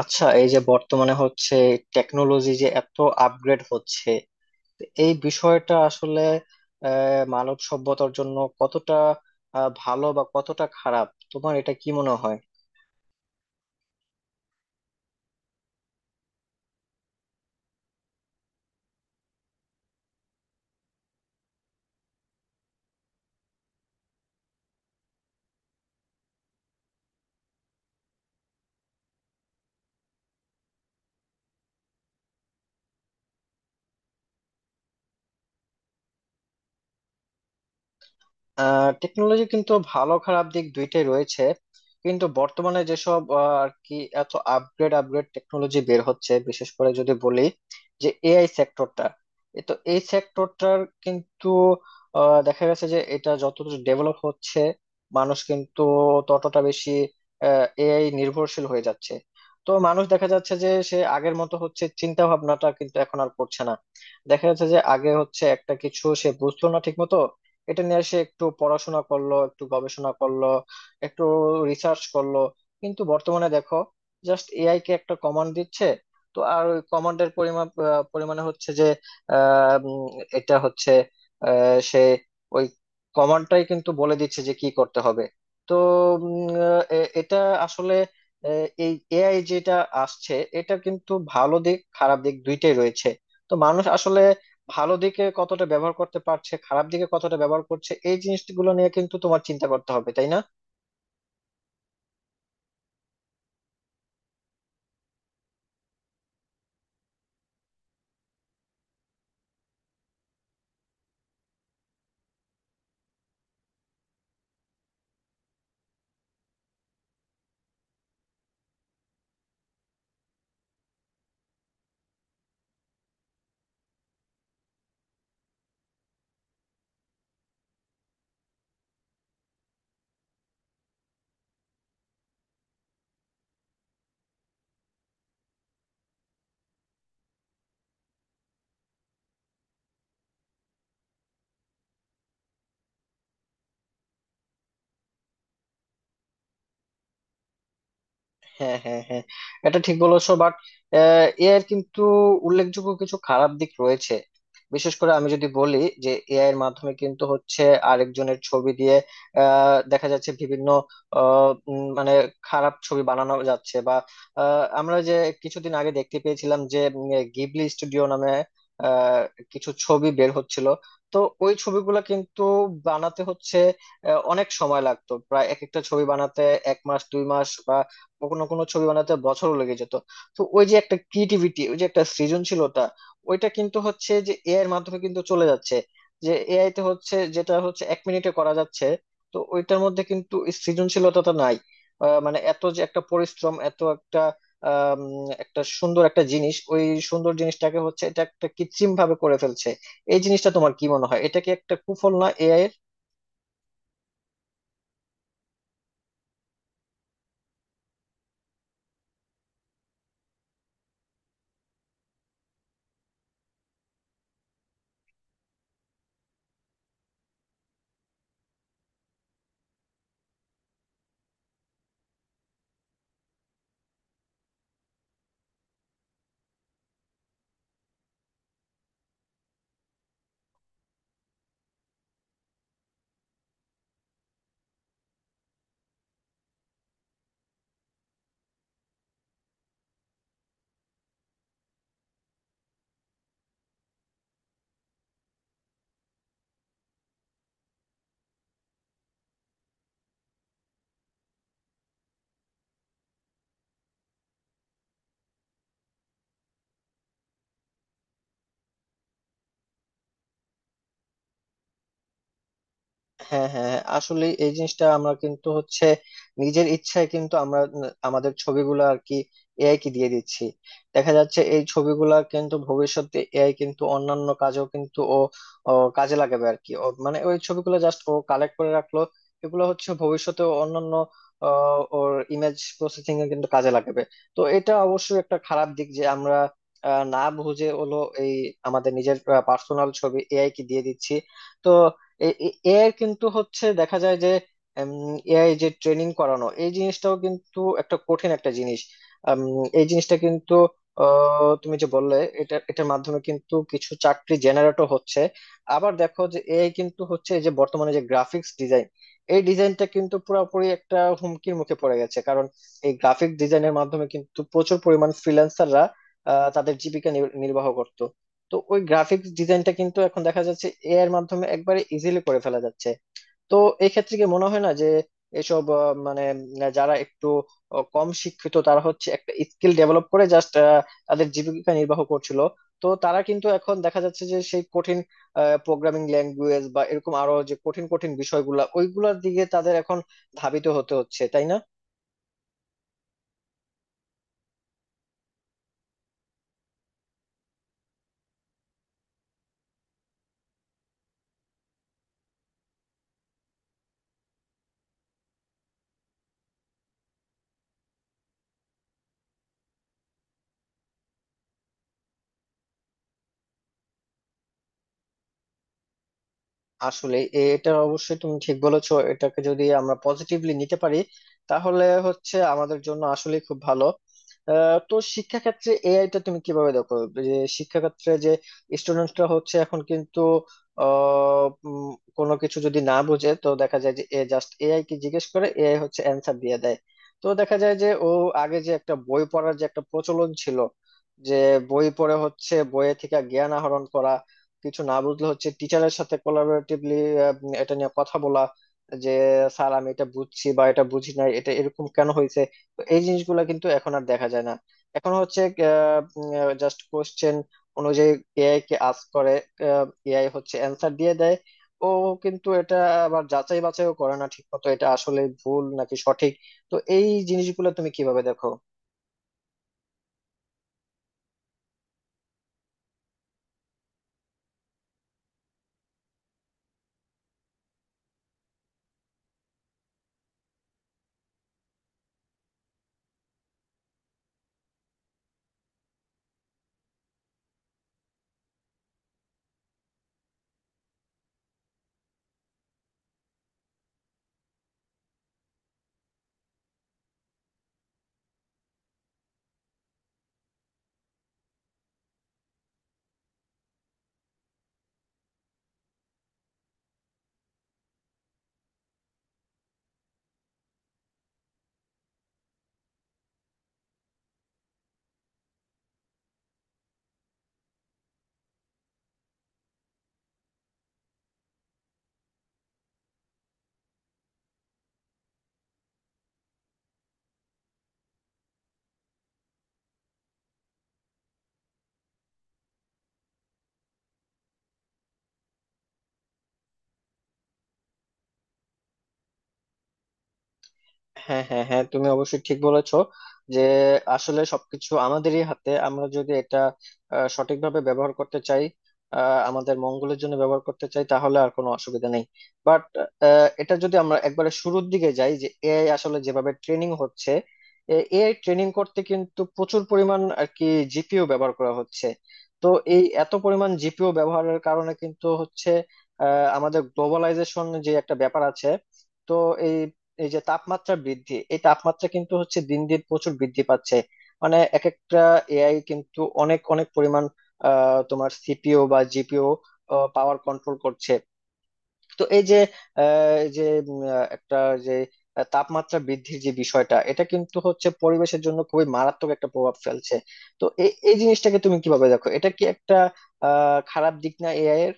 আচ্ছা, এই যে বর্তমানে হচ্ছে টেকনোলজি যে এত আপগ্রেড হচ্ছে, এই বিষয়টা আসলে মানব সভ্যতার জন্য কতটা ভালো বা কতটা খারাপ, তোমার এটা কি মনে হয়? টেকনোলজি কিন্তু ভালো খারাপ দিক দুইটাই রয়েছে। কিন্তু বর্তমানে যেসব আর কি এত আপগ্রেড আপগ্রেড টেকনোলজি বের হচ্ছে, বিশেষ করে যদি বলি যে এআই সেক্টরটা, তো এই সেক্টরটার কিন্তু দেখা গেছে যে এটা যতটা ডেভেলপ হচ্ছে, মানুষ কিন্তু ততটা বেশি এআই নির্ভরশীল হয়ে যাচ্ছে। তো মানুষ দেখা যাচ্ছে যে, সে আগের মতো হচ্ছে চিন্তা ভাবনাটা কিন্তু এখন আর করছে না। দেখা যাচ্ছে যে আগে হচ্ছে একটা কিছু সে বুঝতো না ঠিক মতো, এটা নিয়ে সে একটু পড়াশোনা করলো, একটু গবেষণা করলো, একটু রিসার্চ করলো। কিন্তু বর্তমানে দেখো, জাস্ট এআই কে একটা কমান্ড দিচ্ছে। তো আর ওই কমান্ডের পরিমাণ পরিমাণে হচ্ছে যে আহ, উম, এটা হচ্ছে সে ওই কমান্ডটাই কিন্তু বলে দিচ্ছে যে কি করতে হবে। তো এটা আসলে এই এআই যেটা আসছে, এটা কিন্তু ভালো দিক খারাপ দিক দুইটাই রয়েছে। তো মানুষ আসলে ভালো দিকে কতটা ব্যবহার করতে পারছে, খারাপ দিকে কতটা ব্যবহার করছে, এই জিনিসগুলো নিয়ে কিন্তু তোমার চিন্তা করতে হবে, তাই না? হ্যাঁ, হ্যাঁ, হ্যাঁ, এটা ঠিক বলেছো, বাট এআই এর কিন্তু উল্লেখযোগ্য কিছু খারাপ দিক রয়েছে। বিশেষ করে আমি যদি বলি যে এআই এর মাধ্যমে কিন্তু হচ্ছে আরেকজনের ছবি দিয়ে দেখা যাচ্ছে বিভিন্ন মানে খারাপ ছবি বানানো যাচ্ছে। বা আমরা যে কিছুদিন আগে দেখতে পেয়েছিলাম যে গিবলি স্টুডিও নামে আহ, কিছু ছবি বের হচ্ছিল। তো ওই ছবিগুলো কিন্তু বানাতে হচ্ছে অনেক সময় লাগতো, প্রায় এক একটা ছবি বানাতে এক মাস, দুই মাস, কোনো কোনো ছবি বানাতে বছরও লেগে যেত। তো ওই যে একটা ক্রিয়েটিভিটি, ওই যে একটা সৃজনশীলতা, ওইটা কিন্তু হচ্ছে যে এআই এর মাধ্যমে কিন্তু চলে যাচ্ছে। যে এআই তে হচ্ছে যেটা হচ্ছে এক মিনিটে করা যাচ্ছে, তো ওইটার মধ্যে কিন্তু এই সৃজনশীলতাটা নাই। মানে এত যে একটা পরিশ্রম, এত একটা একটা সুন্দর একটা জিনিস, ওই সুন্দর জিনিসটাকে হচ্ছে এটা একটা কৃত্রিম ভাবে করে ফেলছে। এই জিনিসটা তোমার কি মনে হয়, এটা কি একটা কুফল না এআই এর? হ্যাঁ, হ্যাঁ, হ্যাঁ। আসলে এই জিনিসটা আমরা কিন্তু হচ্ছে নিজের ইচ্ছায় কিন্তু আমরা আমাদের ছবিগুলো আর কি এআই কে দিয়ে দিচ্ছি। দেখা যাচ্ছে এই ছবিগুলা কিন্তু ভবিষ্যতে এআই কিন্তু অন্যান্য কাজেও কিন্তু ও ও কাজে লাগাবে আর কি। ও মানে ওই ছবিগুলো জাস্ট ও কালেক্ট করে রাখলো, এগুলো হচ্ছে ভবিষ্যতে ও অন্যান্য ওর ইমেজ প্রসেসিং এ কিন্তু কাজে লাগাবে। তো এটা অবশ্যই একটা খারাপ দিক যে আমরা না বুঝে হলো এই আমাদের নিজের পার্সোনাল ছবি এআই কে দিয়ে দিচ্ছি। তো এআই কিন্তু হচ্ছে দেখা যায় যে এআই যে ট্রেনিং করানো, এই জিনিসটাও কিন্তু একটা কঠিন একটা জিনিস। এই জিনিসটা কিন্তু তুমি যে বললে এটা এটার মাধ্যমে কিন্তু কিছু চাকরি জেনারেটও হচ্ছে। আবার দেখো যে এআই কিন্তু হচ্ছে এই যে বর্তমানে যে গ্রাফিক্স ডিজাইন, এই ডিজাইনটা কিন্তু পুরোপুরি একটা হুমকির মুখে পড়ে গেছে। কারণ এই গ্রাফিক ডিজাইনের মাধ্যমে কিন্তু প্রচুর পরিমাণ ফ্রিল্যান্সাররা তাদের জীবিকা নির্বাহ করত। তো ওই গ্রাফিক্স ডিজাইনটা কিন্তু এখন দেখা যাচ্ছে এআই এর মাধ্যমে একবারে ইজিলি করে ফেলা যাচ্ছে। তো এই ক্ষেত্রে কি মনে হয় না যে এসব মানে যারা একটু কম শিক্ষিত, তারা হচ্ছে একটা স্কিল ডেভেলপ করে জাস্ট তাদের জীবিকা নির্বাহ করছিল। তো তারা কিন্তু এখন দেখা যাচ্ছে যে সেই কঠিন প্রোগ্রামিং ল্যাঙ্গুয়েজ বা এরকম আরো যে কঠিন কঠিন বিষয়গুলা ওইগুলোর দিকে তাদের এখন ধাবিত হতে হচ্ছে, তাই না? আসলে এটা অবশ্যই তুমি ঠিক বলেছো, এটাকে যদি আমরা পজিটিভলি নিতে পারি, তাহলে হচ্ছে আমাদের জন্য আসলে খুব ভালো। তো শিক্ষা ক্ষেত্রে এআই টা তুমি কিভাবে দেখো? যে শিক্ষা ক্ষেত্রে যে স্টুডেন্টরা হচ্ছে এখন কিন্তু আহ, উম, কোনো কিছু যদি না বোঝে তো দেখা যায় যে এ জাস্ট এআই কে জিজ্ঞেস করে, এআই হচ্ছে অ্যান্সার দিয়ে দেয়। তো দেখা যায় যে ও আগে যে একটা বই পড়ার যে একটা প্রচলন ছিল, যে বই পড়ে হচ্ছে বইয়ে থেকে জ্ঞান আহরণ করা, কিছু না বুঝলে হচ্ছে টিচারের সাথে কোলাবোরেটিভলি এটা নিয়ে কথা বলা, যে স্যার আমি এটা বুঝছি বা এটা বুঝি না, এটা এরকম কেন হয়েছে। তো এই জিনিসগুলো কিন্তু এখন আর দেখা যায় না। এখন হচ্ছে জাস্ট কোশ্চেন অনুযায়ী এআই কে আস্ক করে, এআই হচ্ছে অ্যান্সার দিয়ে দেয়। ও কিন্তু এটা আবার যাচাই বাছাইও করে না ঠিক মতো, এটা আসলে ভুল নাকি সঠিক। তো এই জিনিসগুলো তুমি কিভাবে দেখো? হ্যাঁ, হ্যাঁ, হ্যাঁ, তুমি অবশ্যই ঠিক বলেছো যে আসলে সবকিছু আমাদেরই হাতে। আমরা যদি এটা সঠিকভাবে ব্যবহার করতে চাই, আমাদের মঙ্গলের জন্য ব্যবহার করতে চাই, তাহলে আর কোনো অসুবিধা নেই। বাট এটা যদি আমরা একবারে শুরুর দিকে যাই যে এআই আসলে যেভাবে ট্রেনিং হচ্ছে, এআই ট্রেনিং করতে কিন্তু প্রচুর পরিমাণ আর কি জিপিও ব্যবহার করা হচ্ছে। তো এই এত পরিমাণ জিপিও ব্যবহারের কারণে কিন্তু হচ্ছে আমাদের গ্লোবালাইজেশন যে একটা ব্যাপার আছে, তো এই এই যে তাপমাত্রা বৃদ্ধি, এই তাপমাত্রা কিন্তু হচ্ছে দিন দিন প্রচুর বৃদ্ধি পাচ্ছে। মানে এক একটা এআই কিন্তু অনেক অনেক পরিমাণ তোমার সিপিও বা জিপিও পাওয়ার কন্ট্রোল করছে। তো এই যে এই যে একটা যে তাপমাত্রা বৃদ্ধির যে বিষয়টা, এটা কিন্তু হচ্ছে পরিবেশের জন্য খুবই মারাত্মক একটা প্রভাব ফেলছে। তো এই এই জিনিসটাকে তুমি কিভাবে দেখো, এটা কি একটা খারাপ দিক না এআই এর?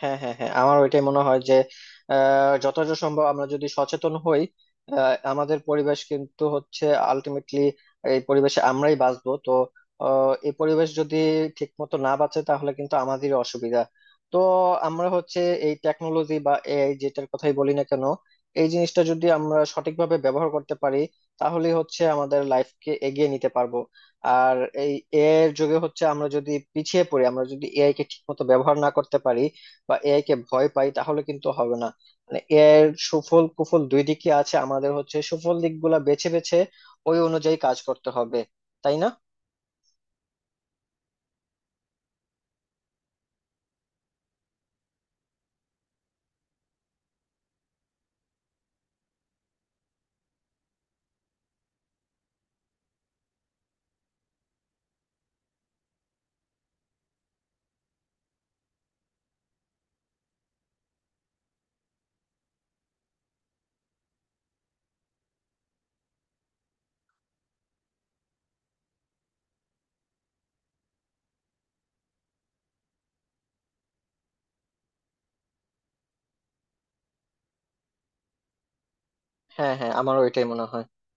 হ্যাঁ, হ্যাঁ, হ্যাঁ, আমার ওইটাই মনে হয় যে যতটা সম্ভব আমরা যদি সচেতন হই, আমাদের পরিবেশ কিন্তু হচ্ছে আলটিমেটলি এই পরিবেশে আমরাই বাঁচবো। তো এই পরিবেশ যদি ঠিক মতো না বাঁচে, তাহলে কিন্তু আমাদেরই অসুবিধা। তো আমরা হচ্ছে এই টেকনোলজি বা এআই যেটার কথাই বলি না কেন, এই জিনিসটা যদি আমরা সঠিকভাবে ব্যবহার করতে পারি, তাহলে হচ্ছে আমাদের লাইফকে এগিয়ে নিতে পারবো। আর এই এআই এর যুগে হচ্ছে আমরা যদি পিছিয়ে পড়ি, আমরা যদি এআই কে ঠিক মতো ব্যবহার না করতে পারি বা এআই কে ভয় পাই, তাহলে কিন্তু হবে না। মানে এআই এর সুফল কুফল দুই দিকই আছে, আমাদের হচ্ছে সুফল দিকগুলা বেছে বেছে ওই অনুযায়ী কাজ করতে হবে, তাই না? হ্যাঁ, হ্যাঁ, আমারও এটাই মনে হয়।